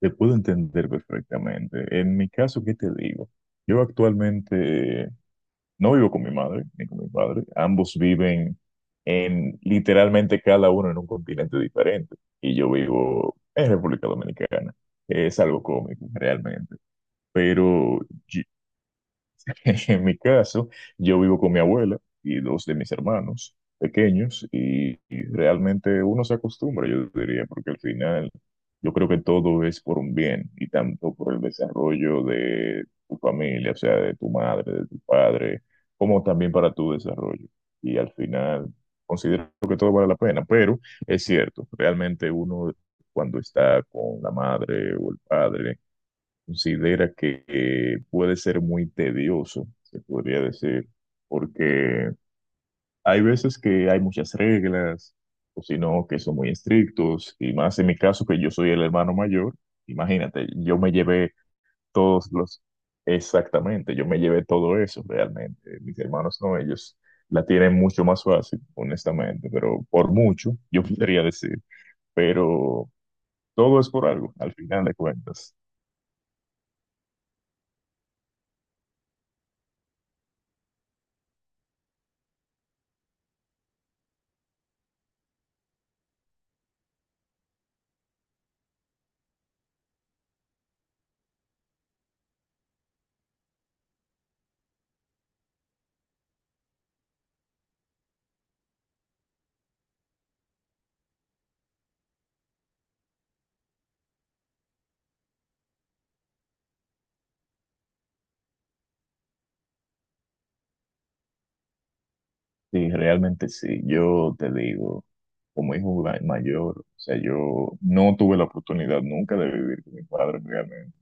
Te puedo entender perfectamente. En mi caso, ¿qué te digo? Yo actualmente no vivo con mi madre ni con mi padre. Ambos viven en literalmente cada uno en un continente diferente. Y yo vivo en República Dominicana. Es algo cómico, realmente. Pero yo, en mi caso, yo vivo con mi abuela y dos de mis hermanos pequeños y realmente uno se acostumbra, yo diría, porque al final yo creo que todo es por un bien y tanto por el desarrollo de tu familia, o sea, de tu madre, de tu padre, como también para tu desarrollo. Y al final considero que todo vale la pena, pero es cierto, realmente uno cuando está con la madre o el padre, considera que puede ser muy tedioso, se podría decir, porque hay veces que hay muchas reglas, o si no, que son muy estrictos, y más en mi caso que yo soy el hermano mayor, imagínate, yo me llevé todos los, exactamente, yo me llevé todo eso realmente, mis hermanos no, ellos la tienen mucho más fácil, honestamente, pero por mucho, yo podría decir, pero todo es por algo, al final de cuentas. Sí, realmente sí. Yo te digo, como hijo mayor, o sea, yo no tuve la oportunidad nunca de vivir con mi padre realmente,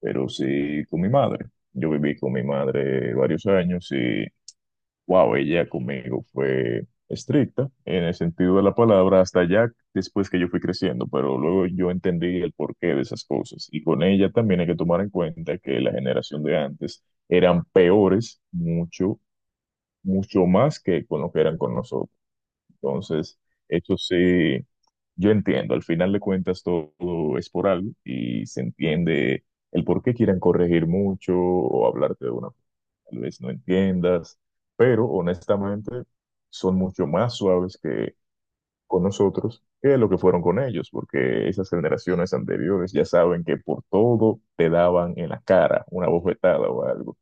pero sí con mi madre. Yo viví con mi madre varios años y, wow, ella conmigo fue estricta en el sentido de la palabra hasta ya después que yo fui creciendo, pero luego yo entendí el porqué de esas cosas. Y con ella también hay que tomar en cuenta que la generación de antes eran peores, mucho, mucho más que con lo que eran con nosotros. Entonces, eso sí, yo entiendo, al final de cuentas todo, es por algo y se entiende el por qué quieran corregir mucho o hablarte de una forma que tal vez no entiendas, pero honestamente son mucho más suaves que con nosotros que lo que fueron con ellos, porque esas generaciones anteriores ya saben que por todo te daban en la cara una bofetada o algo.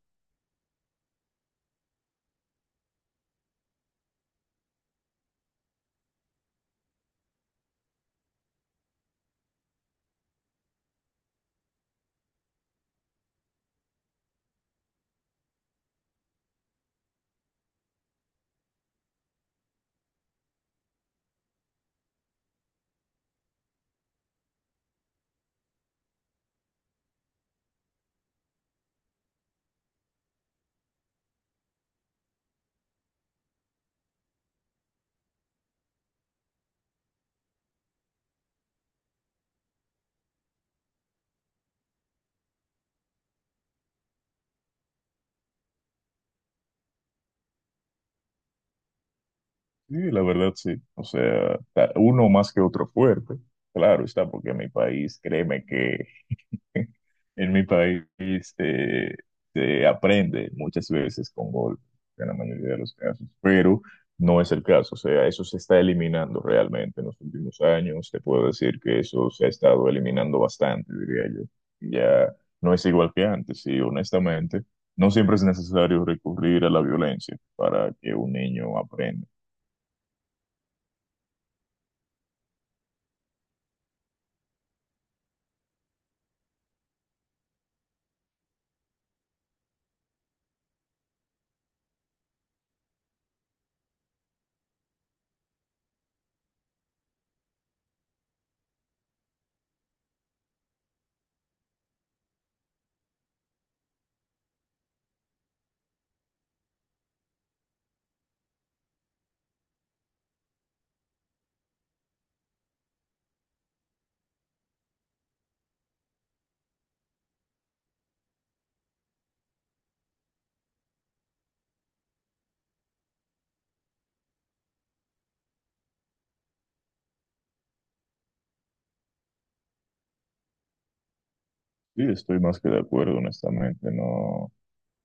Sí, la verdad sí. O sea, uno más que otro fuerte. Claro está, porque en mi país, créeme que en mi país eh, se aprende muchas veces con golpes, en la mayoría de los casos, pero no es el caso. O sea, eso se está eliminando realmente en los últimos años. Te puedo decir que eso se ha estado eliminando bastante, diría yo. Ya no es igual que antes, y honestamente, no siempre es necesario recurrir a la violencia para que un niño aprenda. Sí, estoy más que de acuerdo, honestamente. No,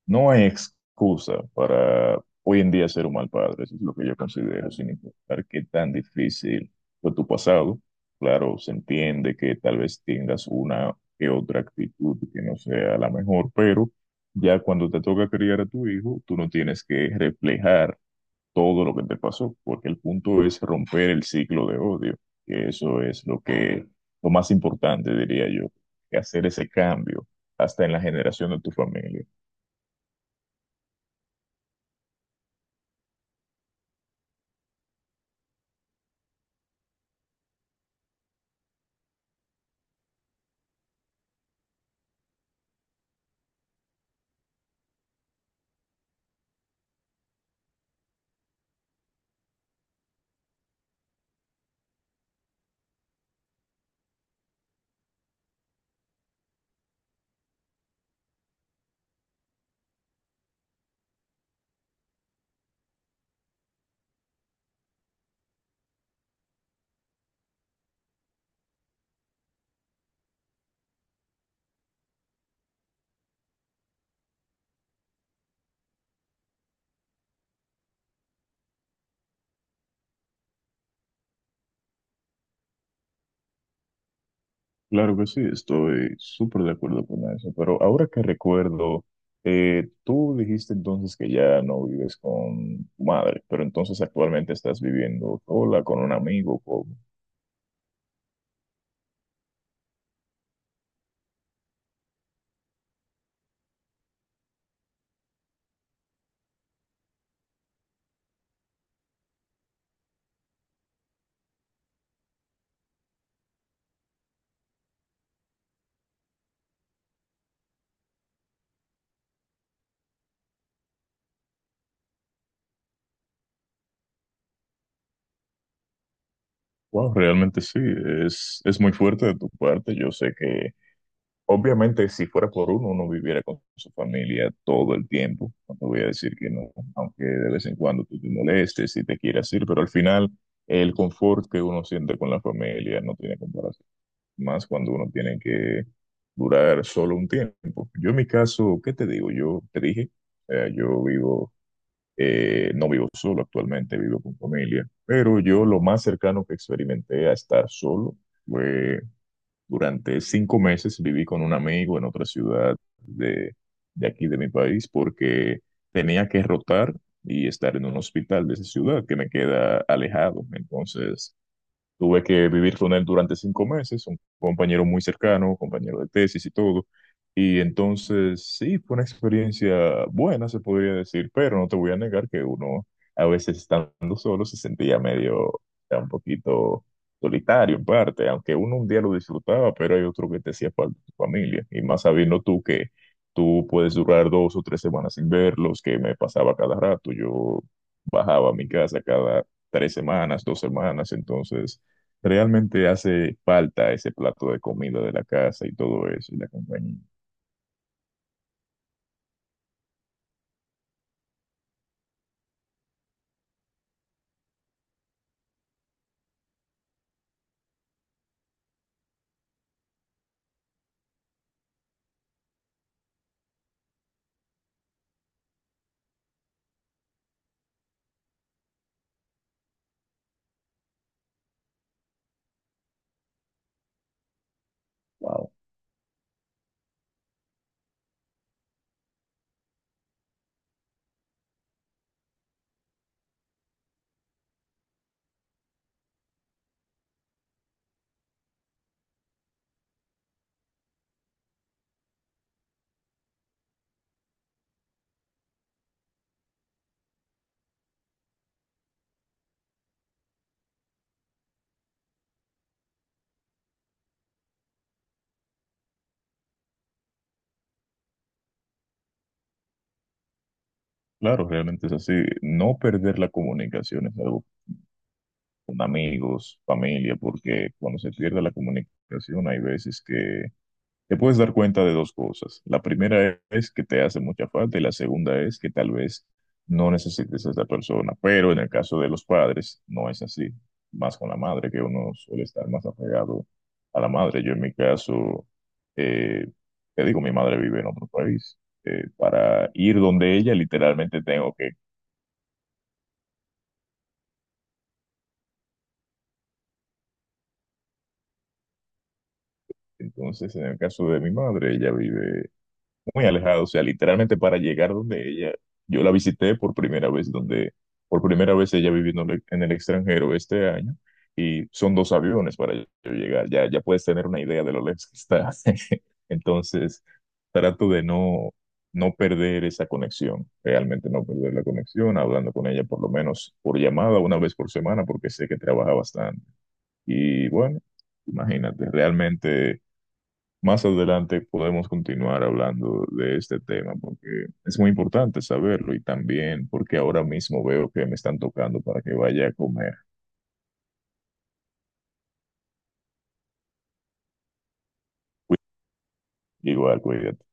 no hay excusa para hoy en día ser un mal padre. Eso es lo que yo considero, sin importar qué tan difícil fue tu pasado. Claro, se entiende que tal vez tengas una que otra actitud que no sea la mejor, pero ya cuando te toca criar a tu hijo, tú no tienes que reflejar todo lo que te pasó, porque el punto es romper el ciclo de odio, que eso es lo más importante, diría yo, que hacer ese cambio hasta en la generación de tu familia. Claro que sí, estoy súper de acuerdo con eso, pero ahora que recuerdo, tú dijiste entonces que ya no vives con tu madre, pero entonces actualmente estás viviendo sola, con un amigo, con... Wow, realmente sí, es muy fuerte de tu parte. Yo sé que obviamente, si fuera por uno, uno viviera con su familia todo el tiempo. No te voy a decir que no, aunque de vez en cuando tú te molestes y te quieras ir, pero al final el confort que uno siente con la familia no tiene comparación. Más cuando uno tiene que durar solo un tiempo. Yo en mi caso, ¿qué te digo? Yo te dije, eh, yo vivo, no vivo solo actualmente, vivo con familia, pero yo lo más cercano que experimenté a estar solo fue durante 5 meses viví con un amigo en otra ciudad de aquí de mi país porque tenía que rotar y estar en un hospital de esa ciudad que me queda alejado. Entonces, tuve que vivir con él durante 5 meses, un compañero muy cercano, compañero de tesis y todo. Y entonces, sí, fue una experiencia buena, se podría decir, pero no te voy a negar que uno a veces estando solo se sentía medio, o sea, un poquito solitario en parte, aunque uno un día lo disfrutaba, pero hay otro que te hacía falta tu familia. Y más sabiendo tú que tú puedes durar 2 o 3 semanas sin verlos, que me pasaba cada rato, yo bajaba a mi casa cada 3 semanas, 2 semanas, entonces realmente hace falta ese plato de comida de la casa y todo eso, y la compañía. Wow. Claro, realmente es así. No perder la comunicación es algo con amigos, familia, porque cuando se pierde la comunicación hay veces que te puedes dar cuenta de dos cosas. La primera es que te hace mucha falta y la segunda es que tal vez no necesites a esa persona. Pero en el caso de los padres no es así. Más con la madre, que uno suele estar más apegado a la madre. Yo en mi caso, eh, te digo, mi madre vive en otro país. Para ir donde ella literalmente tengo que. Entonces, en el caso de mi madre, ella vive muy alejado, o sea, literalmente para llegar donde ella, yo la visité por primera vez, donde por primera vez ella viviendo en el extranjero este año, y son dos aviones para yo llegar, ya, ya puedes tener una idea de lo lejos que está. Entonces, trato de no perder esa conexión, realmente no perder la conexión, hablando con ella por lo menos por llamada una vez por semana, porque sé que trabaja bastante. Y bueno, imagínate, realmente más adelante podemos continuar hablando de este tema porque es muy importante saberlo y también porque ahora mismo veo que me están tocando para que vaya a comer. Igual, cuídate.